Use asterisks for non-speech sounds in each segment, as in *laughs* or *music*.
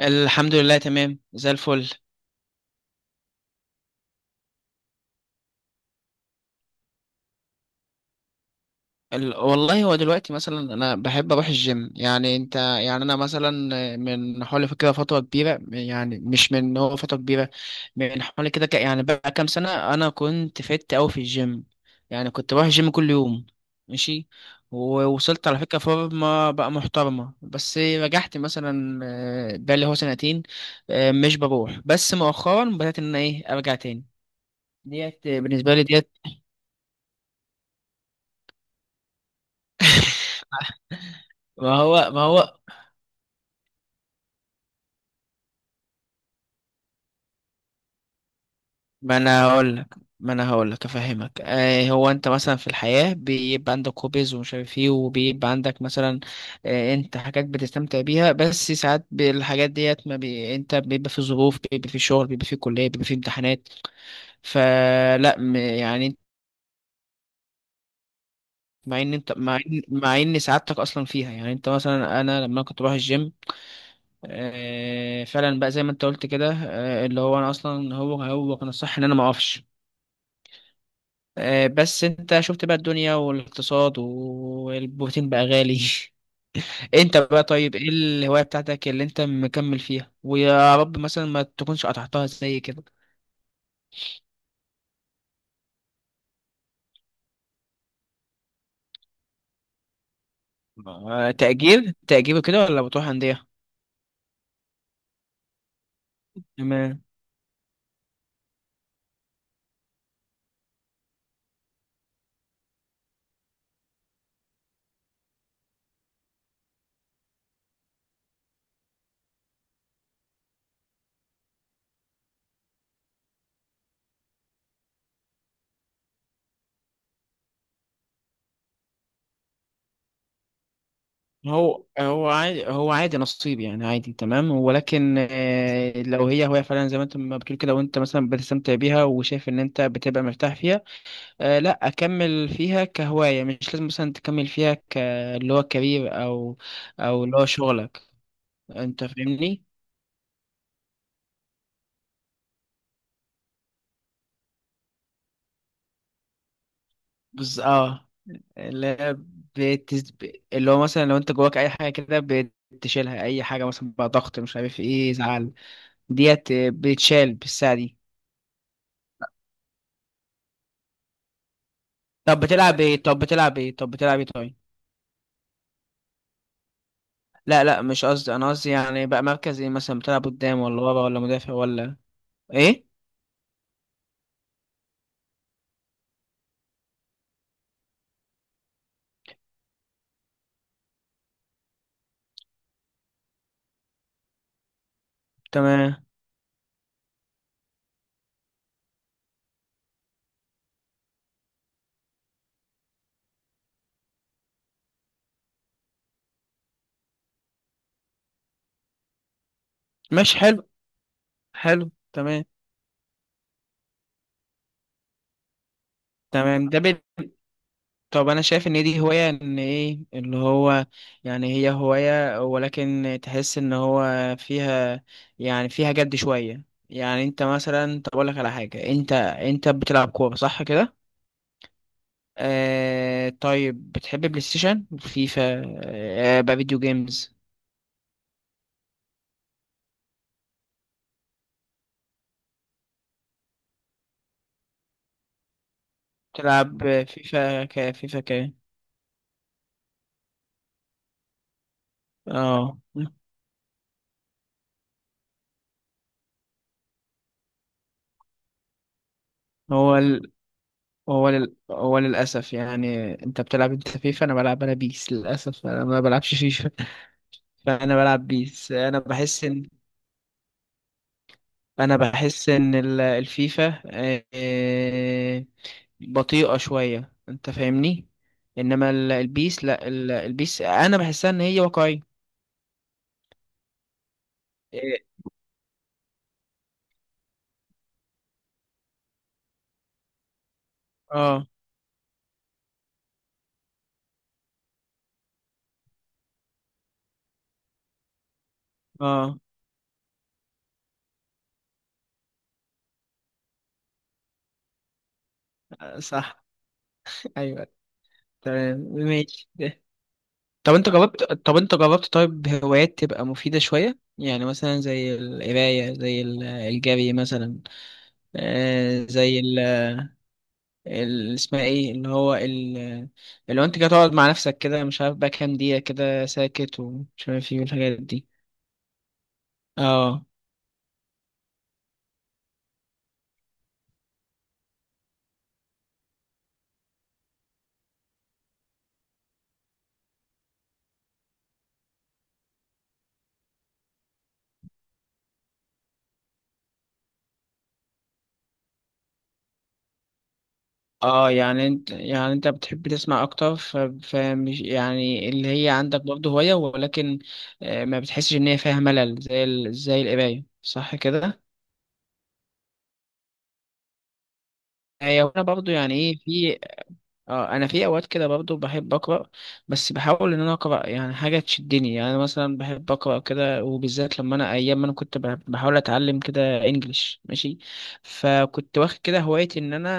الحمد لله، تمام زي الفل. والله هو دلوقتي مثلا انا بحب اروح الجيم. يعني انت، يعني انا مثلا من حوالي كده فتره كبيره، يعني مش من هو فتره كبيره. من حوالي كده يعني بقى كام سنه انا كنت فت قوي في الجيم. يعني كنت بروح الجيم كل يوم. ماشي. ووصلت على فكره فورمه بقى محترمه، بس رجعت مثلا بقالي هو سنتين مش بروح، بس مؤخرا بدات ان أنا ايه ارجع تاني. ديت بالنسبه لي ديت. ما هو. ما انا هقول لك افهمك. آه، هو انت مثلا في الحياه بيبقى عندك هوبيز ومش عارف ايه، وبيبقى عندك مثلا آه انت حاجات بتستمتع بيها، بس ساعات بالحاجات ديت ما بي... انت بيبقى في ظروف، بيبقى في شغل، بيبقى في كليه، بيبقى في امتحانات. يعني انت- مع ان سعادتك اصلا فيها. يعني انت مثلا، انا لما كنت بروح الجيم آه فعلا بقى زي ما انت قلت كده. آه، اللي هو انا اصلا هو كان الصح ان انا ما اقفش. آه، بس انت شفت بقى الدنيا والاقتصاد والبروتين بقى غالي. *laughs* انت بقى طيب، ايه الهواية بتاعتك اللي انت مكمل فيها، ويا رب مثلا ما تكونش قطعتها زي كده. آه، تأجير كده ولا بتروح أندية؟ تمام. هو هو عادي هو عادي نصيب، يعني عادي تمام. ولكن آه، لو هي هواية فعلا زي ما انت ما بتقول كده، وانت مثلا بتستمتع بيها وشايف ان انت بتبقى مرتاح فيها، آه لا اكمل فيها كهوايه. مش لازم مثلا تكمل فيها ك اللي هو كارير او او اللي هو شغلك. انت فاهمني. بس، اه. لا بتز... اللي هو مثلا لو انت جواك اي حاجه كده بتشيلها. اي حاجه مثلا بقى ضغط، مش عارف ايه، زعل، ديت آه، بتشال بالساعه دي. طب بتلعب ايه طب بتلعب ايه طب بتلعب ايه طيب؟ لا لا، مش قصدي. انا قصدي يعني بقى مركز ايه، مثلا بتلعب قدام ولا ورا ولا مدافع ولا ايه؟ تمام. ماشي، حلو. حلو. تمام، تمام. طب انا شايف ان دي هواية. ان ايه اللي هو يعني هي هواية، ولكن تحس ان هو فيها يعني فيها جد شوية. يعني انت مثلا، طب اقول لك على حاجة، انت انت بتلعب كورة صح كده؟ آه طيب بتحب بلاي ستيشن، فيفا؟ آه بقى فيديو جيمز. بتلعب فيفا ك فيفا ك؟ اه. هو ال... هو لل... هو للأسف يعني انت بتلعب انت فيفا، انا بلعب انا بيس. للأسف انا ما بلعبش فيفا، انا بلعب بيس. انا بحس ان الفيفا بطيئة شوية. انت فاهمني. انما البيس لا، البيس انا بحسها ان هي واقعية. اه. اه. آه، صح. *laughs* ايوه. تمام ماشي. طب انت جربت طيب هوايات تبقى مفيدة شوية، يعني مثلا زي القراية، زي الجري مثلا، آه، زي اسمها ايه اللي هو اللي هو انت كده تقعد مع نفسك كده، مش عارف بقى كام دقيقة كده ساكت، ومش عارف ايه، والحاجات دي. اه. اه. يعني انت، يعني انت بتحب تسمع اكتر. فمش يعني اللي هي عندك برضه هواية، ولكن آه، ما بتحسش ان هي فيها ملل زي زي القراية صح كده. هي وانا برضه، يعني ايه، في اه انا في اوقات كده برضو بحب اقرا. بس بحاول ان انا اقرا يعني حاجه تشدني. يعني انا مثلا بحب اقرا كده، وبالذات لما انا ايام ما انا كنت بحاول اتعلم كده انجليش. ماشي. فكنت واخد كده هوايتي ان انا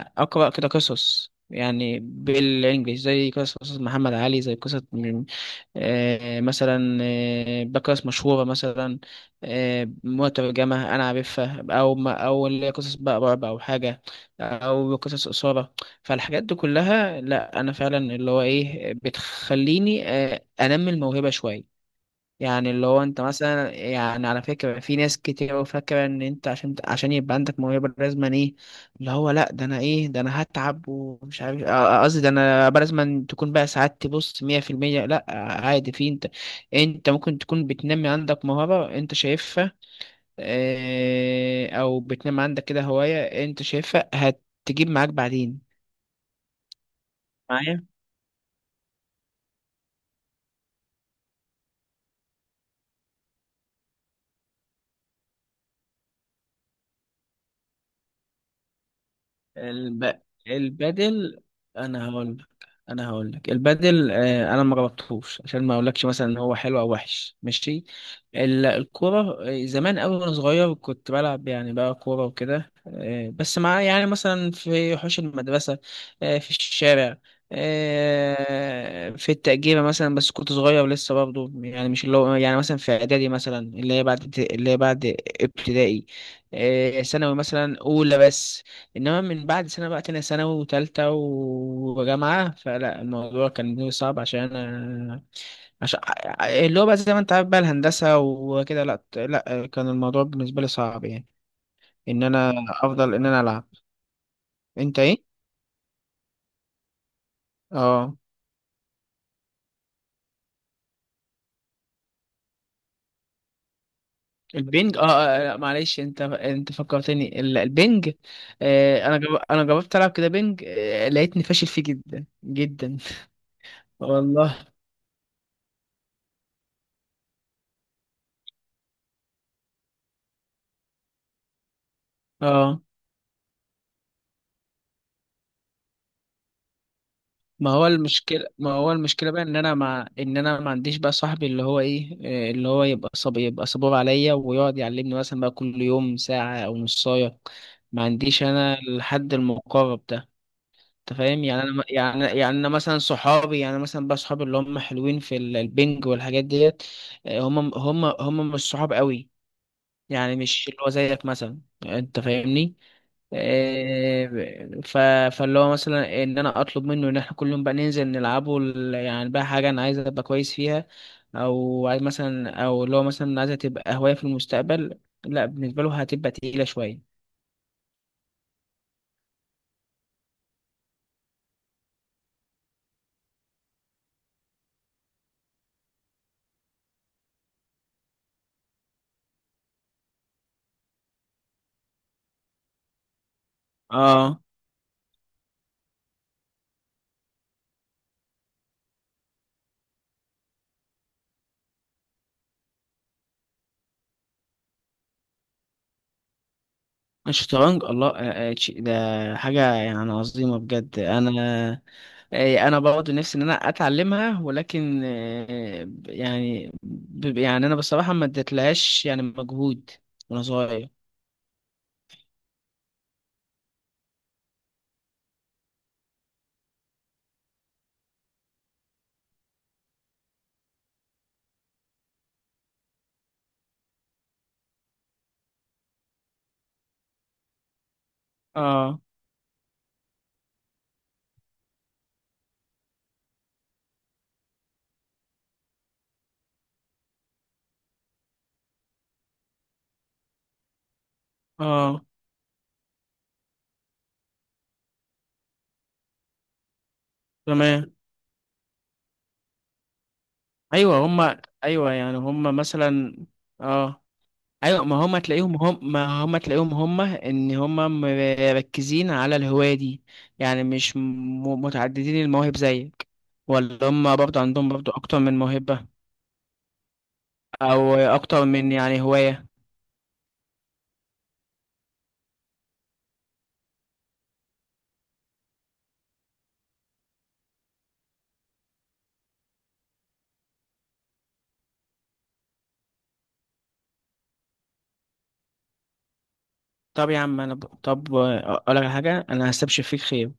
آه، اقرا كده قصص، يعني بالانجليش، زي قصص محمد علي، زي قصص آه، مثلا آه، بقصص مشهورة مثلا آه، مترجمة أنا عارفها، أو ما أو اللي هي قصص بقى رعب أو حاجة، أو قصص إثارة. فالحاجات دي كلها لا، أنا فعلا اللي هو إيه بتخليني آه، أنمي الموهبة شوية. يعني اللي هو انت مثلا، يعني على فكرة في ناس كتير قوي فاكرة ان انت عشان يبقى عندك موهبة لازم ايه اللي هو لا. ده انا ايه، ده انا هتعب ومش عارف اه، قصدي ده انا بقى لازم تكون بقى سعادتي بص 100%. لا، عادي. في انت، انت ممكن تكون بتنمي عندك موهبة انت شايفها، اه، او بتنمي عندك كده هواية انت شايفها هتجيب معاك بعدين. الب... البدل. انا هقول لك انا هقول لك البدل آه، انا ما جربتهوش عشان ما اقولكش مثلا ان هو حلو او وحش. ماشي. الكوره آه، زمان قوي وانا صغير كنت بلعب، يعني بقى كوره وكده، آه، بس مع، يعني مثلا في حوش المدرسه، آه، في الشارع، آه، في التأجيرة مثلا. بس كنت صغير لسه برضه، يعني مش اللي هو يعني مثلا في إعدادي مثلا، اللي هي بعد اللي هي بعد ابتدائي، آه، ثانوي مثلا أولى بس. انما من بعد سنه بقى تانية ثانوي وتالتة وجامعه، فلا الموضوع كان بالنسبة لي صعب عشان انا عشان اللي هو بقى زي ما انت عارف بقى الهندسه وكده. لا لا، كان الموضوع بالنسبه لي صعب، يعني ان انا افضل ان انا العب. انت ايه؟ اه. البنج اه. آه، لا معلش، انت انت فكرتني البنج. آه، انا جربت العب كده بنج، آه لقيتني فاشل فيه جدا جدا. *laughs* والله. اه. ما هو المشكلة بقى ان انا ما ان انا ما عنديش بقى صاحبي اللي هو ايه آه، اللي هو يبقى يبقى صبور عليا ويقعد يعلمني مثلا بقى كل يوم ساعة او نصاية. ما عنديش انا الحد المقرب ده. انت فاهم، يعني انا يعني يعني انا مثلا صحابي، يعني مثلا بقى صحابي اللي هم حلوين في البنج والحاجات ديت، آه، هم مش صحاب قوي. يعني مش اللي هو زيك مثلا. انت فاهمني. إيه، ف... فاللي هو مثلا ان انا اطلب منه ان احنا كل يوم بقى ننزل نلعبه يعني بقى حاجه انا عايز ابقى كويس فيها، او عايز مثلا او اللي هو مثلا عايزها تبقى هوايه في المستقبل، لا بالنسبه له هتبقى تقيله شويه. اه. الشطرنج، الله، آه، آه، ده حاجه يعني عظيمه بجد. انا آه، انا برضه نفسي ان انا اتعلمها، ولكن آه، يعني يعني انا بصراحه ما اديتلهاش يعني مجهود وانا صغير. اه. اه. تمام. ايوه، هم. ايوه يعني هم مثلا. اه. ايوه، ما هم تلاقيهم هم ان هم مركزين على الهوايه دي. يعني مش متعددين المواهب زيك. ولا هم برضه عندهم برضه اكتر من موهبه، او اكتر من يعني هوايه. طب يا عم، طب اقول لك على حاجه، انا هستبشر فيك خير،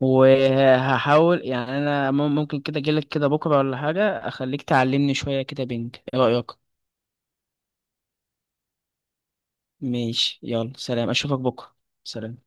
وهحاول يعني انا ممكن كده اجيلك كده بكره ولا حاجه اخليك تعلمني شويه كده. بينك ايه رايك؟ ماشي، يلا سلام، اشوفك بكرة. سلام.